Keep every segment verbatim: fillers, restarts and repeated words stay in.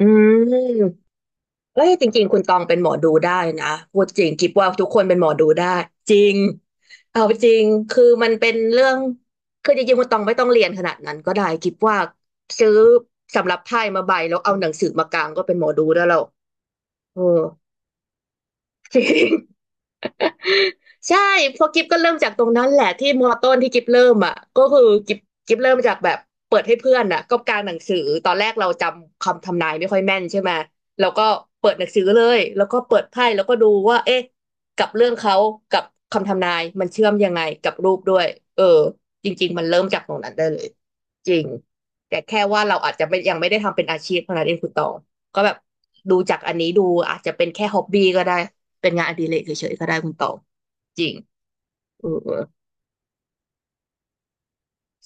อืมเอ้ยจริงๆคุณตองเป็นหมอดูได้นะพูดจริงคิดว่าทุกคนเป็นหมอดูได้จริงเอาจริงคือมันเป็นเรื่องคือจริงๆคุณตองไม่ต้องเรียนขนาดนั้นก็ได้คิดว่าซื้อสำรับไพ่มาใบแล้วเอาหนังสือมากางก็เป็นหมอดูได้แล้วเออ จริง ใช่เพอกิฟก็เริ่มจากตรงนั้นแหละที่มอต้นที่กิฟเริ่มอ่ะก็คือกิฟกิฟเริ่มจากแบบเปิดให้เพื่อนอ่ะก็กางหนังสือตอนแรกเราจำคำทำนายไม่ค่อยแม่นใช่ไหมแล้วก็เปิดหนังสือเลยแล้วก็เปิดไพ่แล้วก็ดูว่าเอ๊ะกับเรื่องเขากับคำทำนายมันเชื่อมยังไงกับรูปด้วยเออจริงๆมันเริ่มจากตรงนั้นได้เลยจริงแต่แค่ว่าเราอาจจะไม่ยังไม่ได้ทำเป็นอาชีพเท่านั้นเองคุณตองก็แบบดูจากอันนี้ดูอาจจะเป็นแค่ฮ็อบบี้ก็ได้เป็นงานอดิเรกเฉยๆก็ได้คุณตอง จริงเออ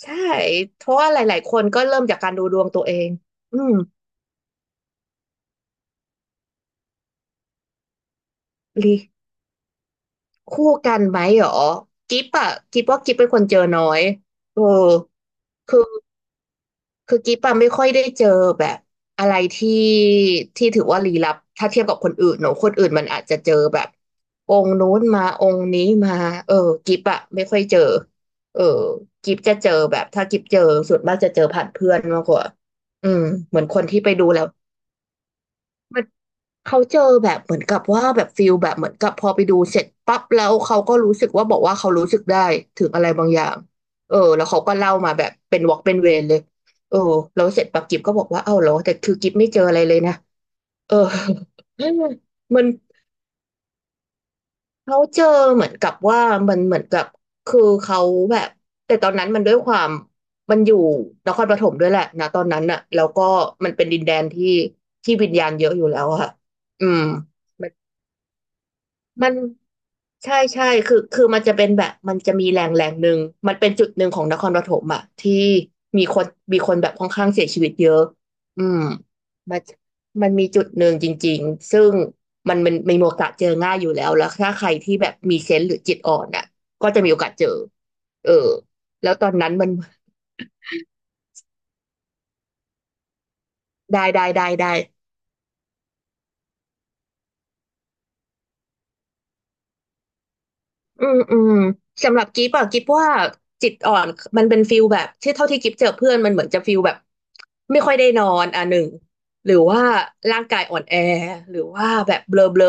ใช่เพราะว่าหลายๆคนก็เริ่มจากการดูดวงตัวเองอืมลีคู่กันไหมหรอกิบอะกิบว่ากิบเป็นคนเจอน้อยเออคือคือกิบอะไม่ค่อยได้เจอแบบอะไรที่ที่ถือว่าลี้ลับถ้าเทียบกับคนอื่นเนอะคนอื่นมันอาจจะเจอแบบองค์นู้นมาองค์นี้มาเออกิบอะไม่ค่อยเจอเออกิบจะเจอแบบถ้ากิบเจอส่วนมากจะเจอผ่านเพื่อนมากกว่าอืมเหมือนคนที่ไปดูแล้ว เขาเจอแบบเหมือนกับว่าแบบฟิลแบบเหมือนกับพอไปดูเสร็จปั๊บแล้วเขาก็รู้สึกว่าบอกว่าเขารู้สึกได้ถึงอะไรบางอย่างเออแล้วเขาก็เล่ามาแบบเป็นวอล์กเป็นเวรเลยเออแล้วเสร็จปั๊บกิฟก็บอกว่าเอ้าเหรอแต่คือกิฟไม่เจออะไรเลยนะเออ มันเขาเจอเหมือนกับว่ามันเหมือนกับคือเขาแบบแต่ตอนนั้นมันด้วยความมันอยู่นครปฐมด้วยแหละนะตอนนั้นน่ะแล้วก็มันเป็นดินแดนที่ที่วิญญาณเยอะอยู่แล้วอะค่ะอืม มันใช่ใช่คือคือมันจะเป็นแบบมันจะมีแรงแรงหนึ่งมันเป็นจุดหนึ่งของนครปฐมอะที่มีคนมีคนแบบค่อนข้างเสียชีวิตเยอะอืมมันมันมีจุดหนึ่งจริงๆซึ่งมันมันมีโอกาสเจอง่ายอยู่แล้วแล้วถ้าใครที่แบบมีเซนส์หรือจิตอ่อนอะก็จะมีโอกาสเจอเออแล้วตอนนั้นมันได้ได้ได้ได้ อืมอืมสำหรับกิฟอะกิฟว่าจิตอ่อนมันเป็นฟิลแบบที่เท่าที่กิฟเจอเพื่อนมันเหมือนจะฟิลแบบไม่ค่อยได้นอนอ่ะหนึ่งหรือว่าร่างกายอ่อนแอหรือว่าแบบเบลอเบลอ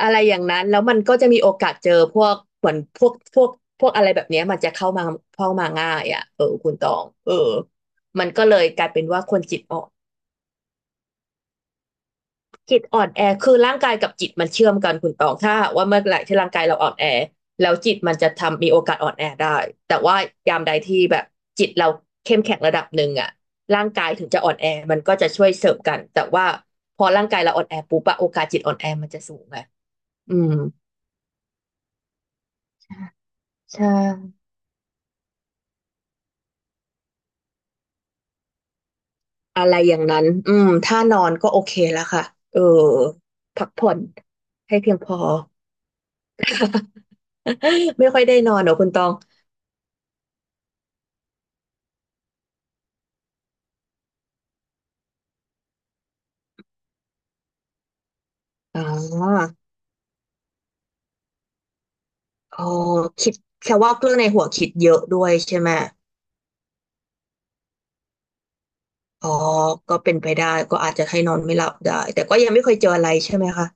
อะไรอย่างนั้นแล้วมันก็จะมีโอกาสเจอพวกเหมือนพวกพวกพวกอะไรแบบเนี้ยมันจะเข้ามาเข้ามาง่ายอ่ะเออคุณตองเออมันก็เลยกลายเป็นว่าคนจิตอ่อน จิตอ่อนแอคือร่างกายกับจิตมันเชื่อมกันคุณตองถ้าหากว่าเมื่อไหร่ที่ร่างกายเราอ่อนแอแล้วจิตมันจะทำมีโอกาสอ่อนแอได้แต่ว่ายามใดที่แบบจิตเราเข้มแข็งระดับหนึ่งอะร่างกายถึงจะอ่อนแอมันก็จะช่วยเสริมกันแต่ว่าพอร่างกายเราอ่อนแอปุ๊บอะโอกาสจิตอ่อนแอมันจะสูงไงอืมใช่อะไรอย่างนั้นอืมถ้านอนก็โอเคแล้วค่ะเออพักผ่อนให้เพียงพอ ไม่ค่อยได้นอนเหรอคุณตองอ๋อ อ๋อคิดแค่ว่าเรื่องในหัวคิดเยอะด้วยใช่ไหมอ๋อก็เป็นไปได้ก็อาจจะให้นอนไม่หลับได้แต่ก็ยังไม่เคยเจออะไรใช่ไหมคะ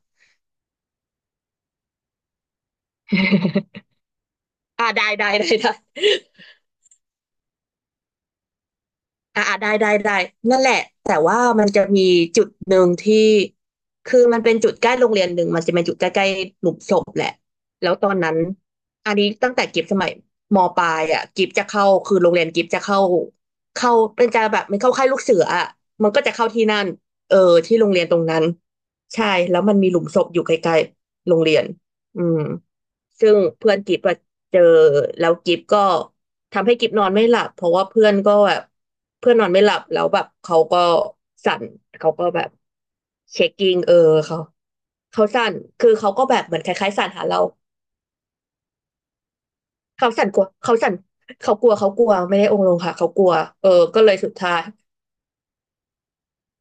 อ่าได้ได้ได้ได้ อ่าได้ได้ได้นั่นแหละ แต่ว่ามันจะมีจุดหนึ่งที่คือมันเป็นจุดใกล้โรงเรียนหนึ่งมันจะเป็นจุดใกล้ๆหลุมศพแหละแล้วตอนนั้นอันนี้ตั้งแต่กิฟสมัยมปลายอ่ะกิฟจะเข้าคือโรงเรียนกิฟจะเข้าเข้าเป็นจะแบบมันเข้าค่ายลูกเสืออ่ะมันก็จะเข้าที่นั่นเออที่โรงเรียนตรงนั้นใช่แล้วมันมีหลุมศพอยู่ใกลๆโรงเรียนอืม ซึ่งเพื่อนกิฟต์อะเจอแล้วกิฟต์ก็ทำให้กิฟต์นอนไม่หลับเพราะว่าเพื่อนก็แบบเพื่อนนอนไม่หลับแล้วแบบเขาก็สั่นเขาก็แบบเช็คกิ้งเออเขาเขาสั่นคือเขาก็แบบเหมือนคล้ายๆสั่นหาเราเขาสั่นกลัวเขาสั่นเขากลัวเขากลัวไม่ได้องค์ลงค่ะเขากลัวเออก็เลยสุดท้าย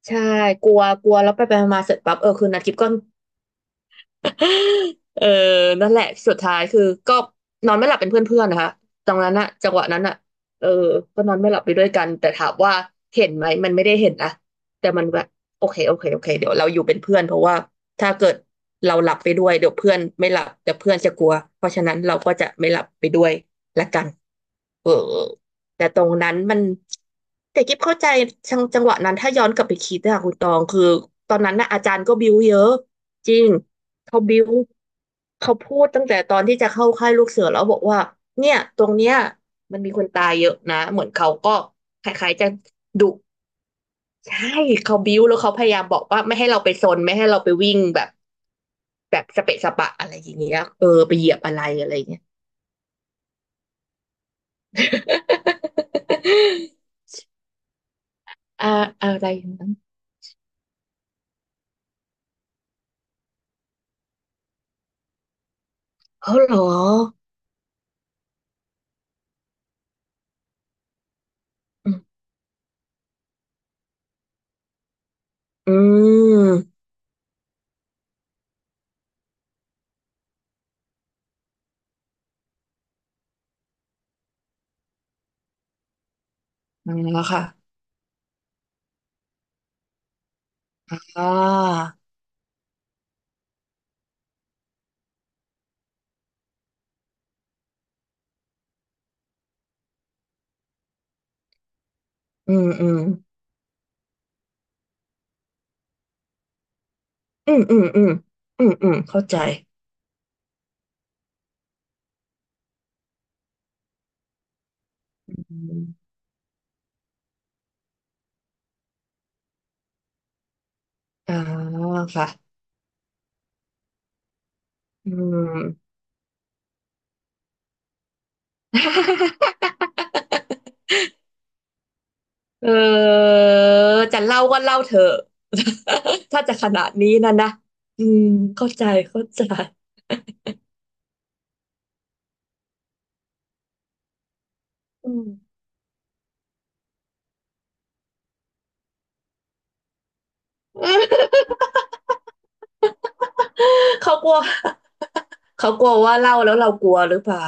ใช่กลัวกลัวแล้วไปไปมาๆเสร็จปั๊บเออคือนัดกิฟก็ เออนั่นแหละสุดท้ายคือก็นอนไม่หลับเป็นเพื่อนๆนะคะตรงนั้นอะจังหวะนั้นอะเออก็นอนไม่หลับไปด้วยกันแต่ถามว่าเห็นไหมมันไม่ได้เห็นนะแต่มันแบบโอเคโอเคโอเคเดี๋ยวเราอยู่เป็นเพื่อนเพราะว่าถ้าเกิดเราหลับไปด้วยเดี๋ยวเพื่อนไม่หลับแต่เพื่อนจะกลัวเพราะฉะนั้นเราก็จะไม่หลับไปด้วยละกัน เออแต่ตรงนั้นมันแต่กิ๊บเข้าใจจังจังหวะนั้นถ้าย้อนกลับไปคิดอะคุณตองคือตอนนั้นนะอาจารย์ก็บิ้วเยอะจริงเขาบิ้วเขาพูดตั้งแต่ตอนที่จะเข้าค่ายลูกเสือแล้วบอกว่าเนี่ยตรงเนี้ยมันมีคนตายเยอะนะเหมือนเขาก็คล้ายๆจะดุใช่เขาบิ้วแล้วเขาพยายามบอกว่าไม่ให้เราไปซนไม่ให้เราไปวิ่งแบบแบบสเปะสปะอะไรอย่างเงี้ยเออไปเหยียบอะไรอะไรเงี้ย อ่าอะไรนั้นเขาเหรออืมอืมมาแล้วค่ะอ่าอืมอืมอืมอืมอืมอืมอืมเข้าใจอืมอ่าค่ะอืม เออจะเล่าก็เล่าเถอะ ถ้าจะขนาดนี้นะนะอืมเข้าใจเข้าใจ อืมเขากลัวเขากลัวว่าเล่าแล้วเรากลัวหรือเปล่า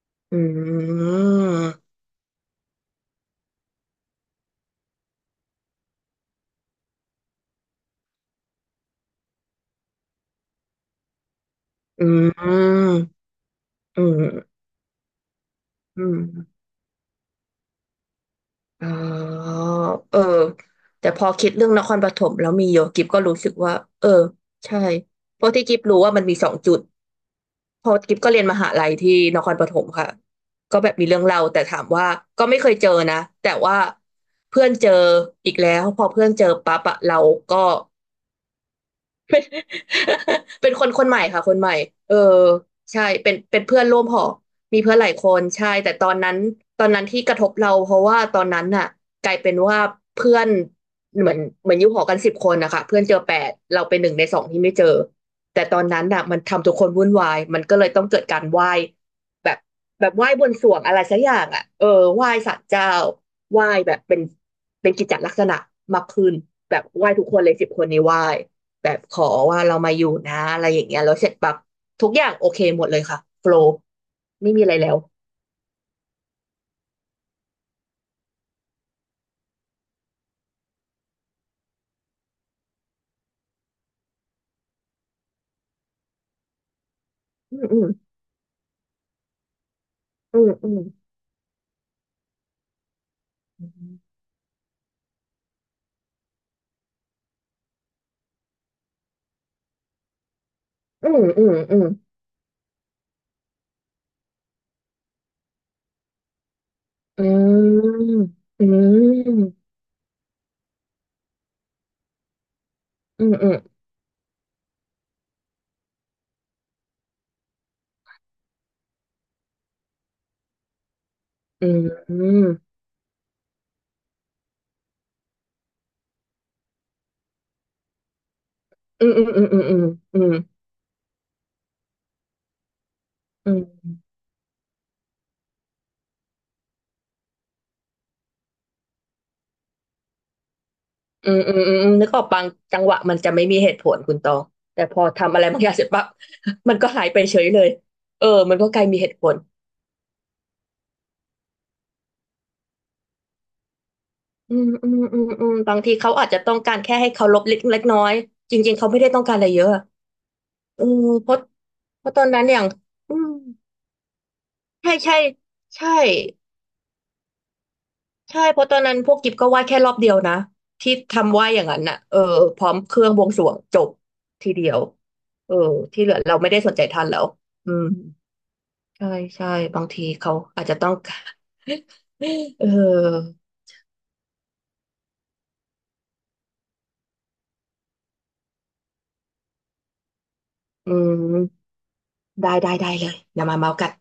อืม อืมอืมอืมอ๋อเออแต่พอคิดเรื่องนครปฐมแล้วมีโยกิฟก็รู้สึกว่าเออใช่เพราะที่กิฟรู้ว่ามันมีสองจุดเพอกิฟก็เรียนมหาลัยที่นครปฐมค่ะก็แบบมีเรื่องเล่าแต่ถามว่าก็ไม่เคยเจอนะแต่ว่าเพื่อนเจออีกแล้วพอเพื่อนเจอปั๊บอะเราก็ เป็นคนคนใหม่ค่ะคนใหม่เออใช่เป็นเป็นเพื่อนร่วมหอมีเพื่อนหลายคนใช่แต่ตอนนั้นตอนนั้นที่กระทบเราเพราะว่าตอนนั้นน่ะกลายเป็นว่าเพื่อนเหมือนเหมือนอยู่หอกันสิบคนนะคะเพื่อนเจอแปดเราเป็นหนึ่งในสองที่ไม่เจอแต่ตอนนั้นน่ะมันทำทุกคนวุ่นวายมันก็เลยต้องเกิดการไหว้แบบแบบไหว้บนสรวงอะไรสักอย่างอ่ะเออไหว้ศาลเจ้าไหว้แบบเป็นเป็นกิจจลักษณะมากขึ้นแบบไหว้ทุกคนเลยสิบคนนี้ไหว้ แบบขอว่าเรามาอยู่นะอะไรอย่างเงี้ยแล้วเสร็จปั๊บทุกอย่างโอเคหมดเลยค่ะโฟลว์ไม่มีอะไรแล้วอืมอืมอืมอืมอืมอืมอืมอืมอืมอืมอืมอืมอืมอืมอืมอืมอืมอืมอืมอืมอืมอืมอนึกออกบางจังหวะมันจะไม่มีเหตุผลคุณตองแต่พอทำอะไรบางอย่างเสร็จปั๊บมันก็หายไปเฉยเลยเออมันก็กลายมีเหตุผล อืมอืมอืมอืมบางทีเขาอาจจะต้องการแค่ให้เคารพเล็กเล็กน้อยจริงๆเขาไม่ได้ต้องการอะไรเยอะเออเพราะเพราะตอนนั้นอย่างอืมใช่ใช่ใช่ใช่เพราะตอนนั้นพวกกิฟก็ไหว้แค่รอบเดียวนะที่ทำไหว้อย่างนั้นน่ะเออพร้อมเครื่องบวงสรวงจบทีเดียวเออที่เหลือเราไม่ได้สนใจท่านแล้วอืมใช่ใช่บางทีเขาอาจจะต้อง การ เอออืมได้ได้ได้เลยอย่ามาเมากัน